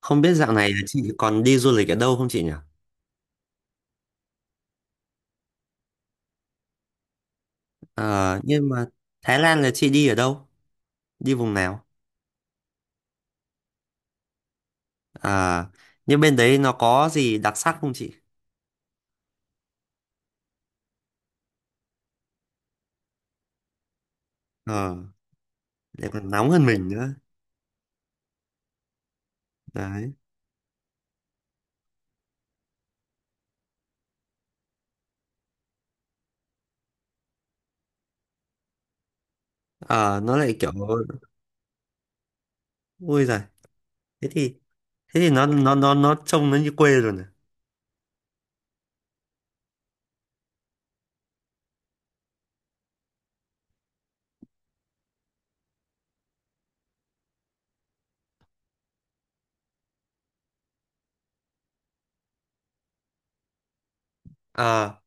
Không biết dạo này là chị còn đi du lịch ở đâu không chị nhỉ? Ờ, nhưng mà Thái Lan là chị đi ở đâu? Đi vùng nào? À, nhưng bên đấy nó có gì đặc sắc không chị? Ờ, lại còn nóng hơn mình nữa. Đấy. Ờ, nó lại kiểu ui giời. Thế thì thế thì nó trông nó như quê rồi nè. Ờ,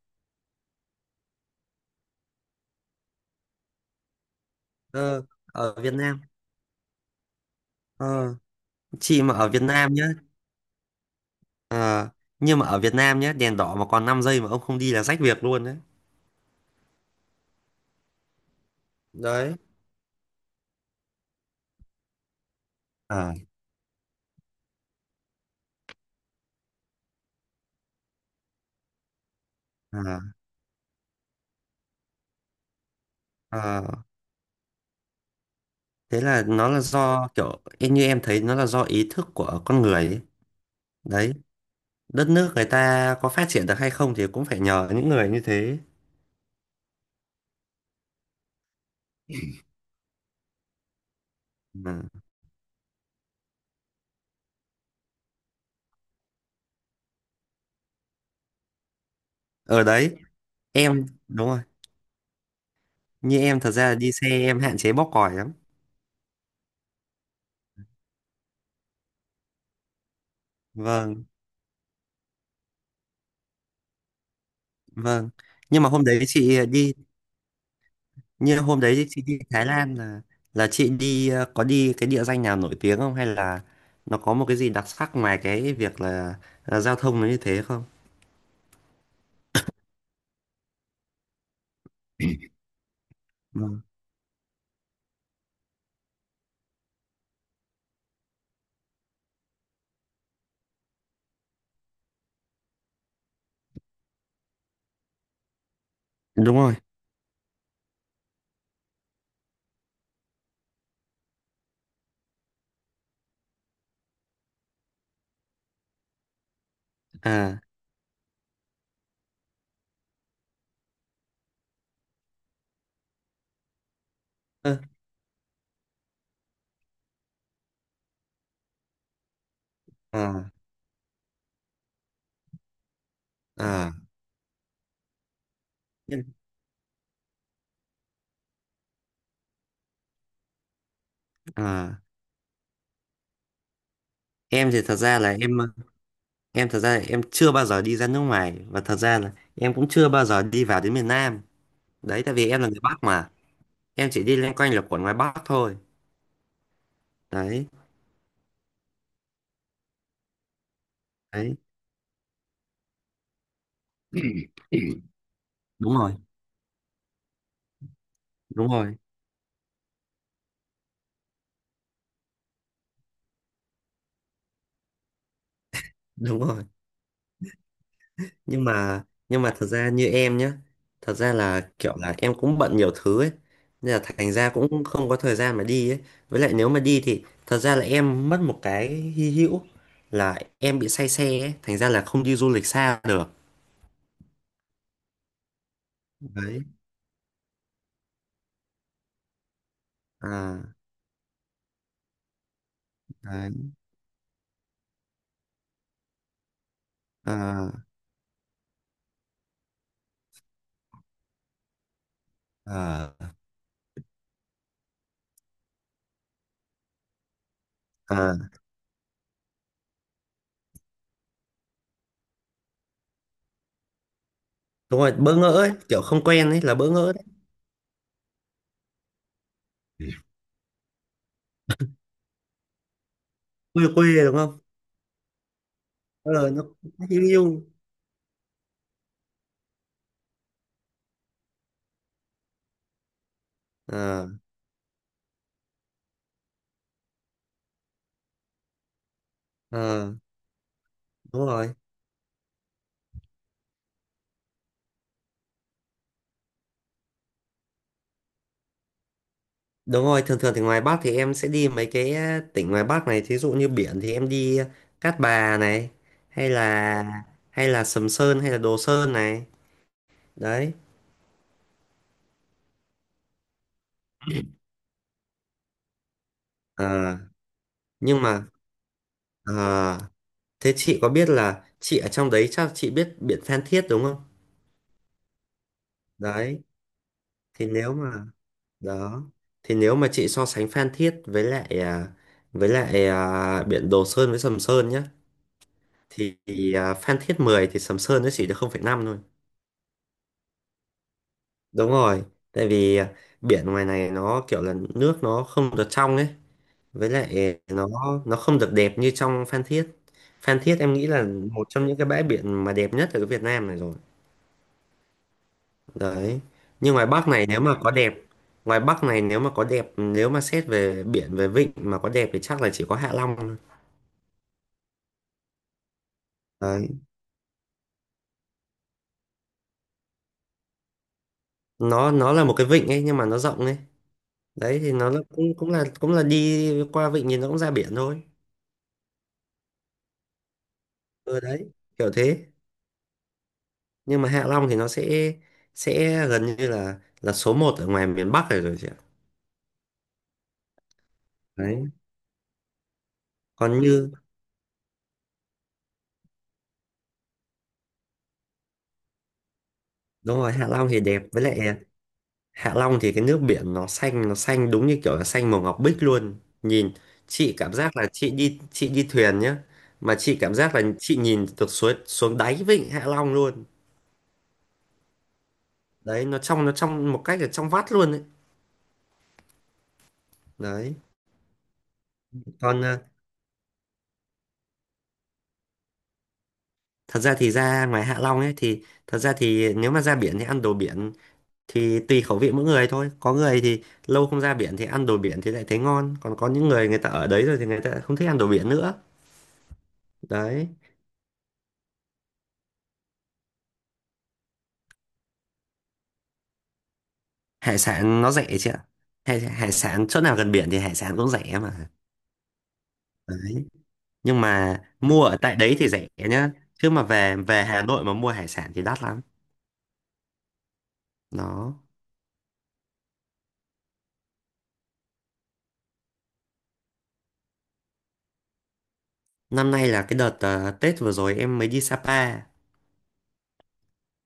ờ, ở Việt Nam. Ờ, chị mà ở Việt Nam nhá. Ờ, nhưng mà ở Việt Nam nhá, đèn đỏ mà còn 5 giây mà ông không đi là rách việc luôn đấy. Đấy. Ờ, ờ, ờ. Thế là nó là do kiểu như em thấy nó là do ý thức của con người ấy. Đấy, đất nước người ta có phát triển được hay không thì cũng phải nhờ những người như thế. Ừ. Ở đấy, em đúng rồi, như em thật ra đi xe em hạn chế bóp còi lắm. Vâng, vâng. Nhưng mà hôm đấy chị đi Thái Lan là chị đi có đi cái địa danh nào nổi tiếng không hay là nó có một cái gì đặc sắc ngoài cái việc là giao thông nó như thế không? Vâng. Đúng rồi. À. Ơ. À. À. Em- À, em thì thật ra là em chưa bao giờ đi ra nước ngoài và thật ra là em cũng chưa bao giờ đi vào đến miền Nam. Đấy, tại vì em là người Bắc mà em chỉ đi loanh quanh là quẩn ngoài Bắc thôi. Đấy. Đấy. đúng rồi. Đúng rồi. Đúng rồi. Nhưng mà thật ra như em nhé, thật ra là kiểu là em cũng bận nhiều thứ ấy nên là thành ra cũng không có thời gian mà đi ấy. Với lại nếu mà đi thì thật ra là em mất một cái hy hữu là em bị say xe ấy, thành ra là không đi du lịch xa được. Đấy. À. Đấy. À. À. À. Đúng rồi, bỡ ngỡ ấy, kiểu không quen ấy, là bỡ ngỡ đấy. Quê quê đúng không? Ờ, nó hiu hiu. À. À. Đúng rồi. Đúng rồi, thường thường thì ngoài Bắc thì em sẽ đi mấy cái tỉnh ngoài Bắc này, thí dụ như biển thì em đi Cát Bà này, hay là hay là Sầm Sơn hay là Đồ Sơn này. Đấy. Ờ, nhưng mà ờ, thế chị có biết là chị ở trong đấy chắc chị biết biển Phan Thiết đúng không? Đấy, thì nếu mà đó thì nếu mà chị so sánh Phan Thiết với lại với lại biển Đồ Sơn với Sầm Sơn nhá, thì Phan Thiết 10 thì Sầm Sơn nó chỉ được 0,5 thôi. Đúng rồi, tại vì biển ngoài này nó kiểu là nước nó không được trong ấy, với lại nó không được đẹp như trong Phan Thiết. Phan Thiết em nghĩ là một trong những cái bãi biển mà đẹp nhất ở cái Việt Nam này rồi. Đấy. Nhưng ngoài Bắc này nếu mà có đẹp, nếu mà xét về biển về vịnh mà có đẹp thì chắc là chỉ có Hạ Long thôi. Đấy. Nó là một cái vịnh ấy nhưng mà nó rộng ấy. Đấy thì cũng cũng là đi qua vịnh thì nó cũng ra biển thôi. Ừ đấy, kiểu thế. Nhưng mà Hạ Long thì nó sẽ gần như là số một ở ngoài miền Bắc rồi rồi chị ạ. Đấy. Còn như đúng rồi, Hạ Long thì đẹp với lại Hạ Long thì cái nước biển nó xanh, nó xanh đúng như kiểu là xanh màu ngọc bích luôn. Nhìn, chị cảm giác là chị đi thuyền nhá, mà chị cảm giác là chị nhìn được suối xuống đáy vịnh Hạ Long luôn. Đấy, nó trong, nó trong một cách là trong vắt luôn ấy. Đấy, còn thật ra thì ra ngoài Hạ Long ấy thì thật ra thì nếu mà ra biển thì ăn đồ biển, thì tùy khẩu vị mỗi người thôi. Có người thì lâu không ra biển thì ăn đồ biển thì lại thấy ngon, còn có những người người ta ở đấy rồi thì người ta không thích ăn đồ biển nữa. Đấy, hải sản nó rẻ chị ạ. Hải sản chỗ nào gần biển thì hải sản cũng rẻ mà. Đấy, nhưng mà mua ở tại đấy thì rẻ nhá, chứ mà về về Hà Nội mà mua hải sản thì đắt lắm. Đó, năm nay là cái đợt Tết vừa rồi em mới đi Sapa.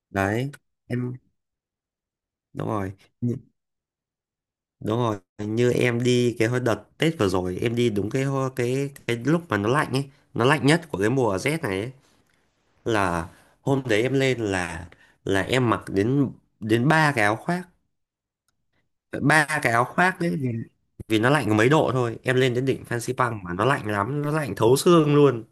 Đấy. Em đúng rồi. Đúng rồi, như em đi cái hồi đợt Tết vừa rồi em đi đúng cái ho- cái lúc mà nó lạnh ấy, nó lạnh nhất của cái mùa rét này ấy, là hôm đấy em lên là em mặc đến đến ba cái áo khoác, ba cái áo khoác đấy, vì vì nó lạnh có mấy độ thôi. Em lên đến đỉnh Phan Xipang mà nó lạnh lắm, nó lạnh thấu xương luôn.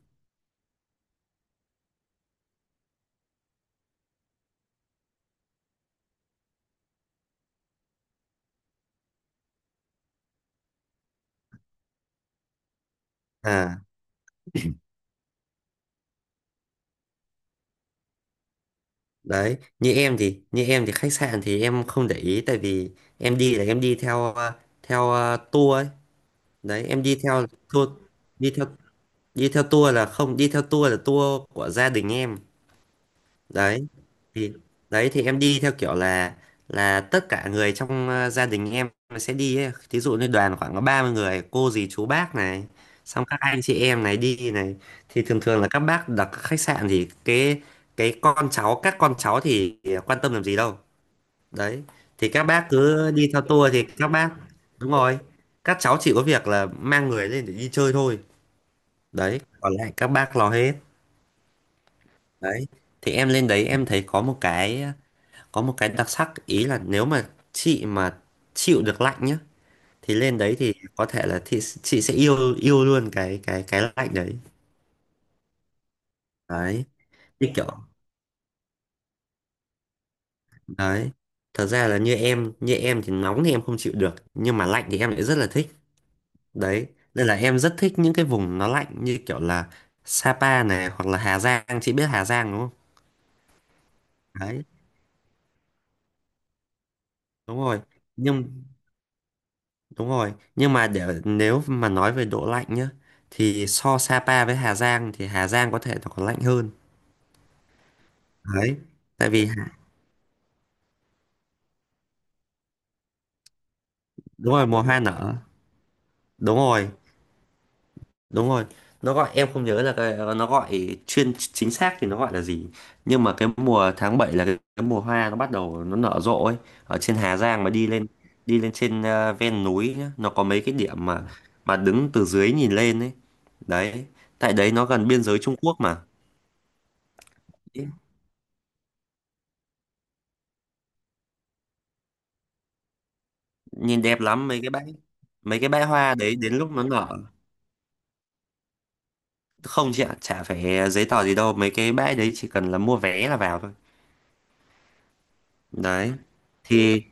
À, đấy, như em thì khách sạn thì em không để ý, tại vì em đi là em đi theo tour ấy. Đấy, em đi theo tour, đi theo đi theo tour là không, đi theo tour là tour của gia đình em. Đấy thì đấy thì em đi theo kiểu là tất cả người trong gia đình em sẽ đi ấy. Thí dụ như đoàn khoảng có 30 người cô dì chú bác này, xong các anh chị em này đi này, thì thường thường là các bác đặt khách sạn, thì cái con cháu các con cháu thì quan tâm làm gì đâu. Đấy, thì các bác cứ đi theo tour thì các bác, đúng rồi, các cháu chỉ có việc là mang người lên để đi chơi thôi. Đấy, còn lại các bác lo hết. Đấy. Thì em lên đấy em thấy có một cái đặc sắc ý là nếu mà chị mà chịu được lạnh nhá, thì lên đấy thì có thể là chị sẽ yêu yêu luôn cái cái lạnh đấy. Đấy, như kiểu đấy. Thật ra là như em thì nóng thì em không chịu được, nhưng mà lạnh thì em lại rất là thích. Đấy, nên là em rất thích những cái vùng nó lạnh như kiểu là Sapa này hoặc là Hà Giang, chị biết Hà Giang đúng không? Đấy, đúng rồi. Nhưng Đúng rồi, nhưng mà để nếu mà nói về độ lạnh nhá, thì so Sapa với Hà Giang thì Hà Giang có thể nó còn lạnh hơn. Đấy. Tại vì Hà- Đúng rồi, mùa hoa nở. Đúng rồi, đúng rồi. Nó gọi em không nhớ là cái, nó gọi chuyên chính xác thì nó gọi là gì. Nhưng mà cái mùa tháng 7 là cái mùa hoa nó bắt đầu nó nở rộ ấy ở trên Hà Giang, mà đi lên trên ven núi nhá, nó có mấy cái điểm mà đứng từ dưới nhìn lên ấy. Đấy. Tại đấy nó gần biên giới Trung Quốc mà. Nhìn đẹp lắm, mấy cái bãi hoa đấy đến lúc nó nở. Không chị ạ, chả phải giấy tờ gì đâu, mấy cái bãi đấy chỉ cần là mua vé là vào thôi. Đấy, thì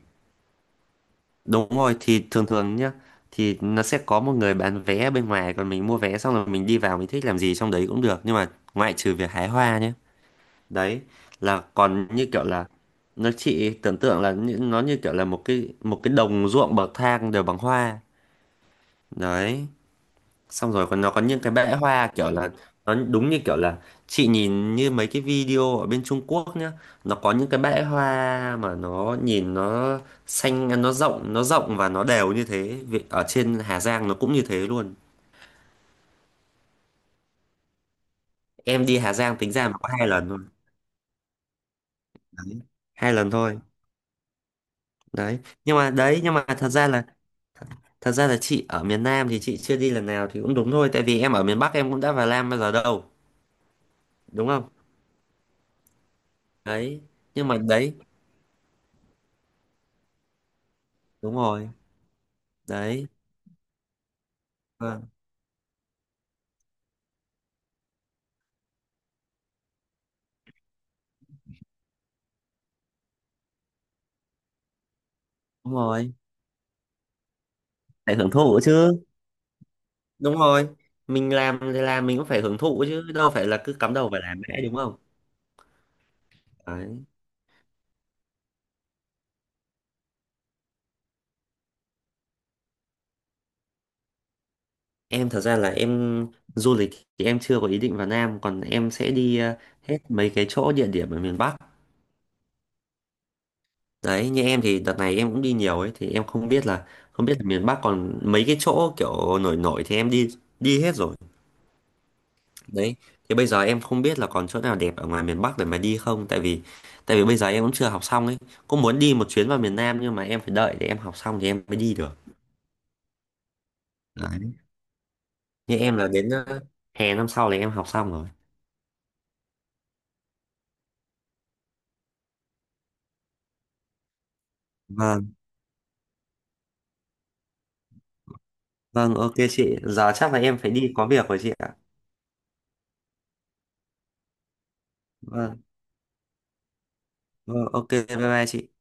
đúng rồi, thì thường thường nhá, thì nó sẽ có một người bán vé ở bên ngoài, còn mình mua vé xong rồi mình đi vào, mình thích làm gì trong đấy cũng được nhưng mà ngoại trừ việc hái hoa nhé. Đấy, là còn như kiểu là nó, chị tưởng tượng là nó như kiểu là một cái đồng ruộng bậc thang đều bằng hoa. Đấy, xong rồi còn nó có những cái bẽ hoa kiểu là nó đúng như kiểu là chị nhìn như mấy cái video ở bên Trung Quốc nhá, nó có những cái bẽ hoa mà nó nhìn nó xanh, nó rộng, nó rộng và nó đều như thế. Ở trên Hà Giang nó cũng như thế luôn. Em đi Hà Giang tính ra mà có hai lần thôi. Đấy. Hai lần thôi đấy. Nhưng mà đấy, nhưng mà thật ra là chị ở miền Nam thì chị chưa đi lần nào thì cũng đúng thôi, tại vì em ở miền Bắc em cũng đã vào Nam bao giờ đâu, đúng không. Đấy, nhưng mà đấy, đúng rồi. Đấy. Đúng rồi, phải hưởng thụ chứ. Đúng rồi, mình làm thì làm mình cũng phải hưởng thụ chứ đâu phải là cứ cắm đầu phải làm mãi đúng không. Đấy, em thật ra là em, du lịch thì em chưa có ý định vào Nam, còn em sẽ đi hết mấy cái chỗ địa điểm ở miền Bắc. Đấy, như em thì đợt này em cũng đi nhiều ấy, thì em không biết là miền Bắc còn mấy cái chỗ kiểu nổi nổi thì em đi, đi hết rồi. Đấy, thì bây giờ em không biết là còn chỗ nào đẹp ở ngoài miền Bắc để mà đi không, tại vì bây giờ em cũng chưa học xong ấy. Cũng muốn đi một chuyến vào miền Nam nhưng mà em phải đợi để em học xong thì em mới đi được. Đấy. Như em là đến hè năm sau là em học xong rồi. Vâng, vâng, ok chị. Giờ chắc là em phải đi có việc rồi chị ạ. Vâng, vâng, ok, bye bye chị.